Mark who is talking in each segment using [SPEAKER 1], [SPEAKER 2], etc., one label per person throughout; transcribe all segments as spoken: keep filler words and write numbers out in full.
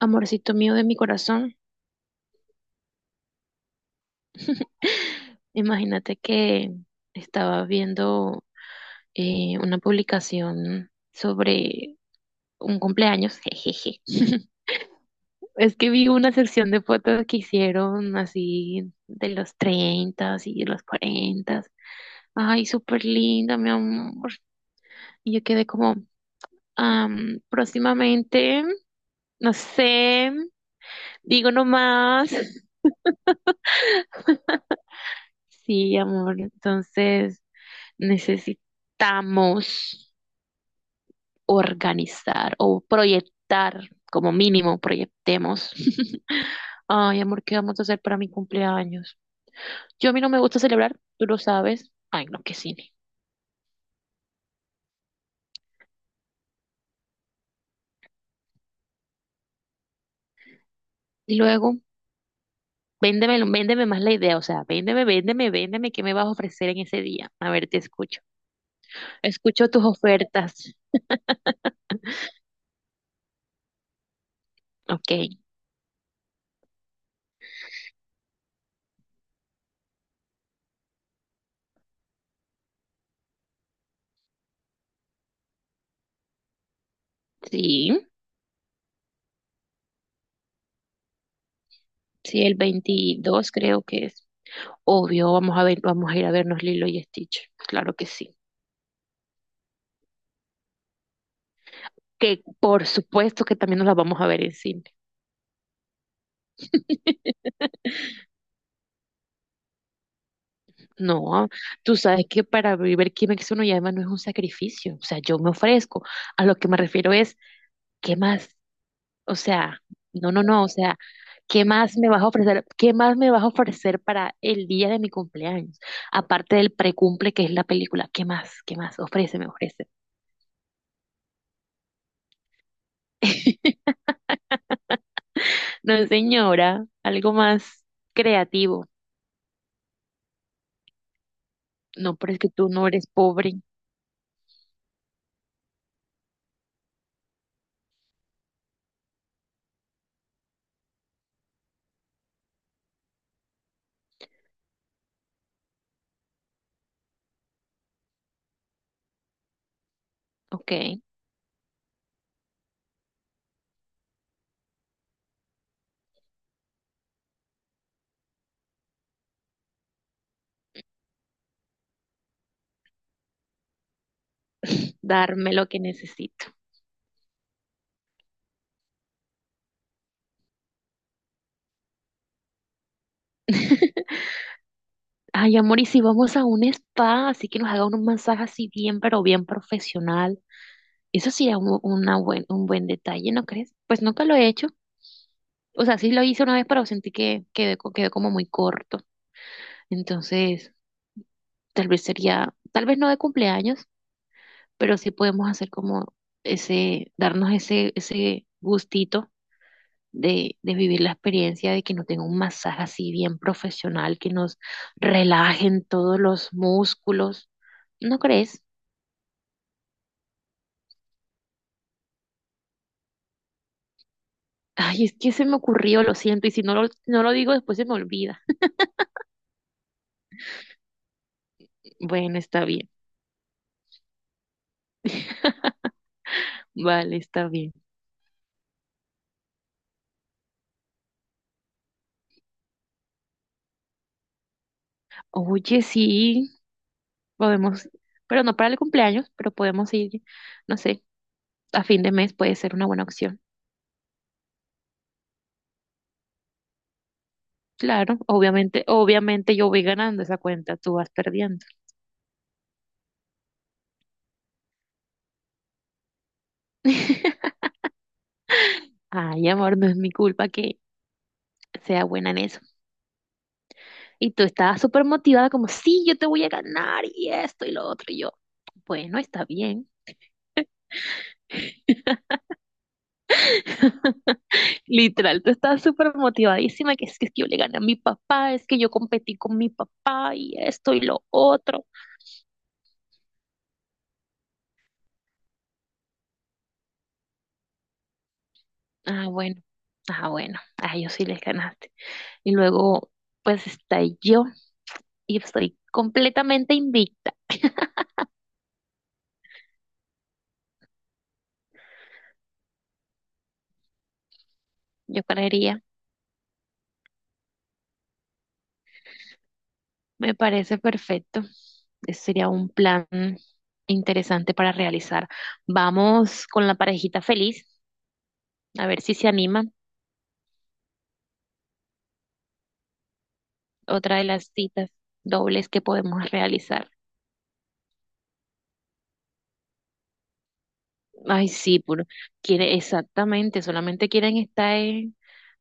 [SPEAKER 1] Amorcito mío de mi corazón, imagínate que estaba viendo eh, una publicación sobre un cumpleaños, jejeje. Es que vi una sección de fotos que hicieron así de los treinta y de los cuarenta. Ay, súper linda, mi amor. Y yo quedé como, am, próximamente, no sé. Digo nomás. Sí, amor. Entonces necesitamos organizar o proyectar, como mínimo, proyectemos. Ay, amor, ¿qué vamos a hacer para mi cumpleaños? Yo a mí no me gusta celebrar, tú lo sabes. Ay, no, qué cine. Y luego, véndeme, véndeme más la idea, o sea, véndeme, véndeme, véndeme qué me vas a ofrecer en ese día. A ver, te escucho. Escucho tus ofertas. Ok, sí, sí, el veintidós creo que es. Obvio, vamos a ver, vamos a ir a vernos Lilo y Stitch. Claro que sí. Que por supuesto que también nos las vamos a ver en cine. No, tú sabes que para vivir Kimetsu no Yaiba no es un sacrificio. O sea, yo me ofrezco. A lo que me refiero es, ¿qué más? O sea, no, no, no. O sea, ¿qué más me vas a ofrecer? ¿Qué más me vas a ofrecer para el día de mi cumpleaños? Aparte del precumple que es la película. ¿Qué más? ¿Qué más? Ofrece, me ofrece. No, señora, algo más creativo. No, pero es que tú no eres pobre. Ok, darme lo que necesito. Ay, amor, y si vamos a un spa, así que nos haga un masaje así bien, pero bien profesional. Eso sí es un, una buen, un buen detalle, ¿no crees? Pues nunca lo he hecho. O sea, sí lo hice una vez, pero sentí que quedé, co- quedó como muy corto. Entonces, tal vez sería, tal vez no de cumpleaños, pero sí podemos hacer como ese, darnos ese, ese gustito de, de vivir la experiencia de que nos den un masaje así bien profesional, que nos relajen todos los músculos. ¿No crees? Ay, es que se me ocurrió, lo siento, y si no lo, no lo digo después se me olvida. Bueno, está bien, vale, está bien. Oye, sí, podemos, pero no para el cumpleaños, pero podemos ir, no sé, a fin de mes puede ser una buena opción. Claro, obviamente, obviamente yo voy ganando esa cuenta, tú vas perdiendo. Ay, amor, no es mi culpa que sea buena en eso. Y tú estabas súper motivada como, sí, yo te voy a ganar y esto y lo otro. Y yo, bueno, está bien. Literal, tú estabas súper motivadísima, que es que yo le gané a mi papá, es que yo competí con mi papá y esto y lo otro. Ah, bueno, ah, bueno, a ellos sí les ganaste. Y luego, pues está yo y estoy completamente invicta, yo creería. Me parece perfecto. Ese sería un plan interesante para realizar. Vamos con la parejita feliz. A ver si se animan. Otra de las citas dobles que podemos realizar. Ay, sí, puro. Quiere, exactamente. Solamente quieren estar eh,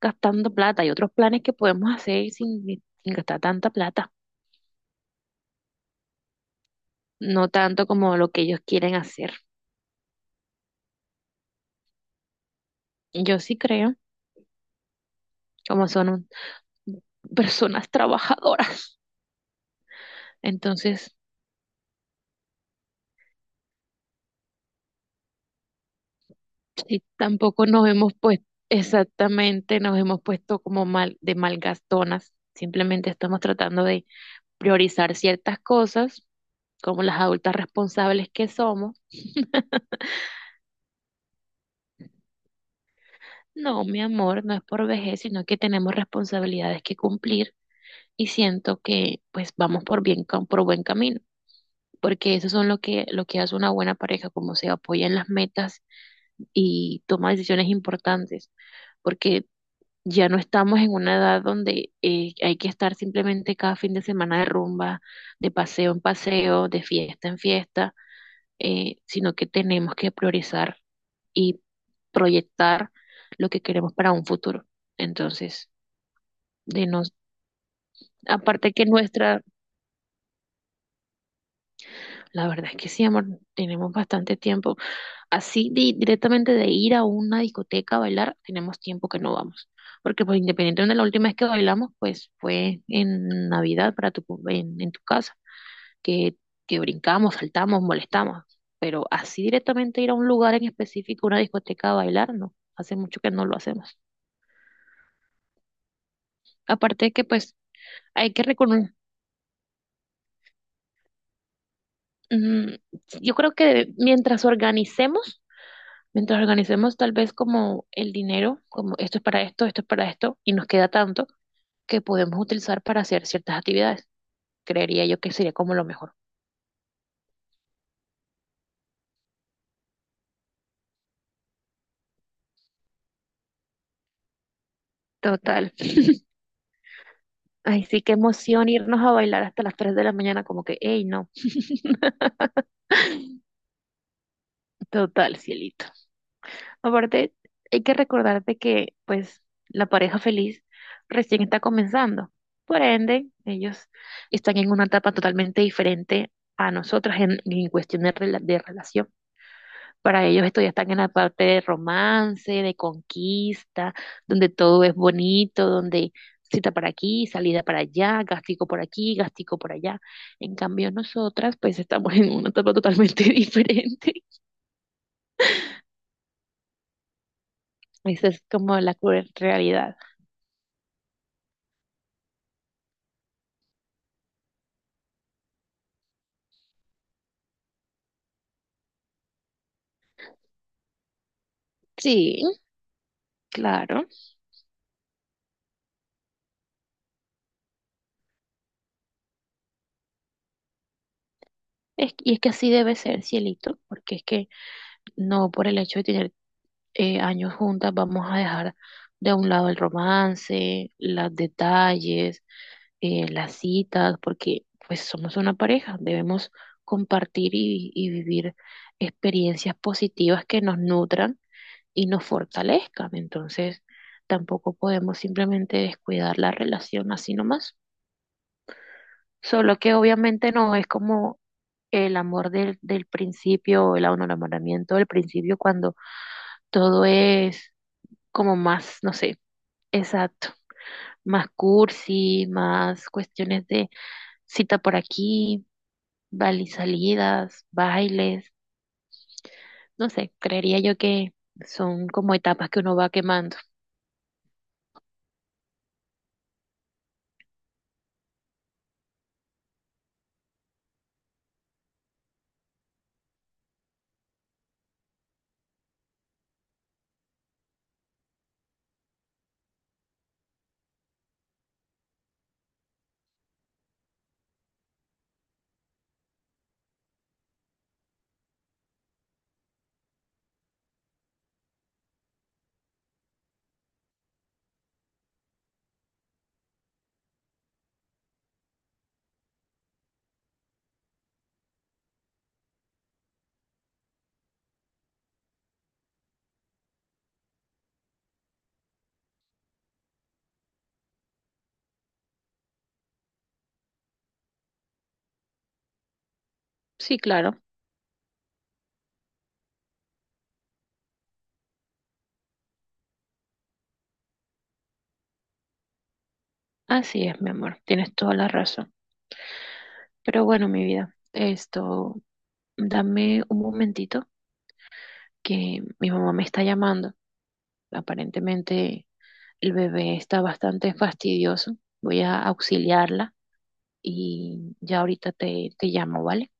[SPEAKER 1] gastando plata. Hay otros planes que podemos hacer sin, sin gastar tanta plata. No tanto como lo que ellos quieren hacer. Yo sí creo, como son un- personas trabajadoras. Entonces, sí, tampoco nos hemos puesto, exactamente, nos hemos puesto como mal, de malgastonas. Simplemente estamos tratando de priorizar ciertas cosas como las adultas responsables que somos. No, mi amor, no es por vejez, sino que tenemos responsabilidades que cumplir y siento que pues vamos por bien, cam- por buen camino, porque eso son lo que, lo que hace una buena pareja, como se apoya en las metas y toma decisiones importantes, porque ya no estamos en una edad donde eh, hay que estar simplemente cada fin de semana de rumba, de paseo en paseo, de fiesta en fiesta eh, sino que tenemos que priorizar y proyectar lo que queremos para un futuro. Entonces, de nos, aparte que nuestra, la verdad es que sí, amor, tenemos bastante tiempo. Así di- directamente de ir a una discoteca a bailar, tenemos tiempo que no vamos. Porque pues independientemente de la última vez que bailamos, pues fue en Navidad para tu, en, en tu casa. que, que brincamos, saltamos, molestamos, pero así directamente ir a un lugar en específico, una discoteca a bailar, no, hace mucho que no lo hacemos. Aparte de que pues hay que reconocer, yo creo que mientras organicemos, mientras organicemos tal vez como el dinero, como esto es para esto, esto es para esto, y nos queda tanto que podemos utilizar para hacer ciertas actividades, creería yo que sería como lo mejor. Total. Ay, sí, qué emoción irnos a bailar hasta las tres de la mañana, como que, hey, no. Total, cielito. Aparte, hay que recordarte que, pues, la pareja feliz recién está comenzando. Por ende, ellos están en una etapa totalmente diferente a nosotras en, en cuestión de, rela- de relación. Para ellos, esto ya están en la parte de romance, de conquista, donde todo es bonito, donde cita para aquí, salida para allá, gastico por aquí, gastico por allá. En cambio, nosotras, pues, estamos en una etapa totalmente diferente. Esa es como la cruel realidad. Sí. Claro, es- y es que así debe ser, cielito, porque es que no por el hecho de tener eh, años juntas vamos a dejar de un lado el romance, los detalles, eh, las citas, porque pues somos una pareja, debemos compartir y, y vivir experiencias positivas que nos nutran y nos fortalezcan. Entonces, tampoco podemos simplemente descuidar la relación así nomás. Solo que obviamente no es como el amor del, del principio, o el enamoramiento del principio, cuando todo es como más, no sé, exacto, más cursi, más cuestiones de cita por aquí, bal- y salidas, bailes, no sé, creería yo que son como etapas que uno va quemando. Sí, claro, así es, mi amor, tienes toda la razón. Pero bueno, mi vida, esto, dame un momentito que mi mamá me está llamando. Aparentemente el bebé está bastante fastidioso. Voy a auxiliarla y ya ahorita te, te llamo, ¿vale?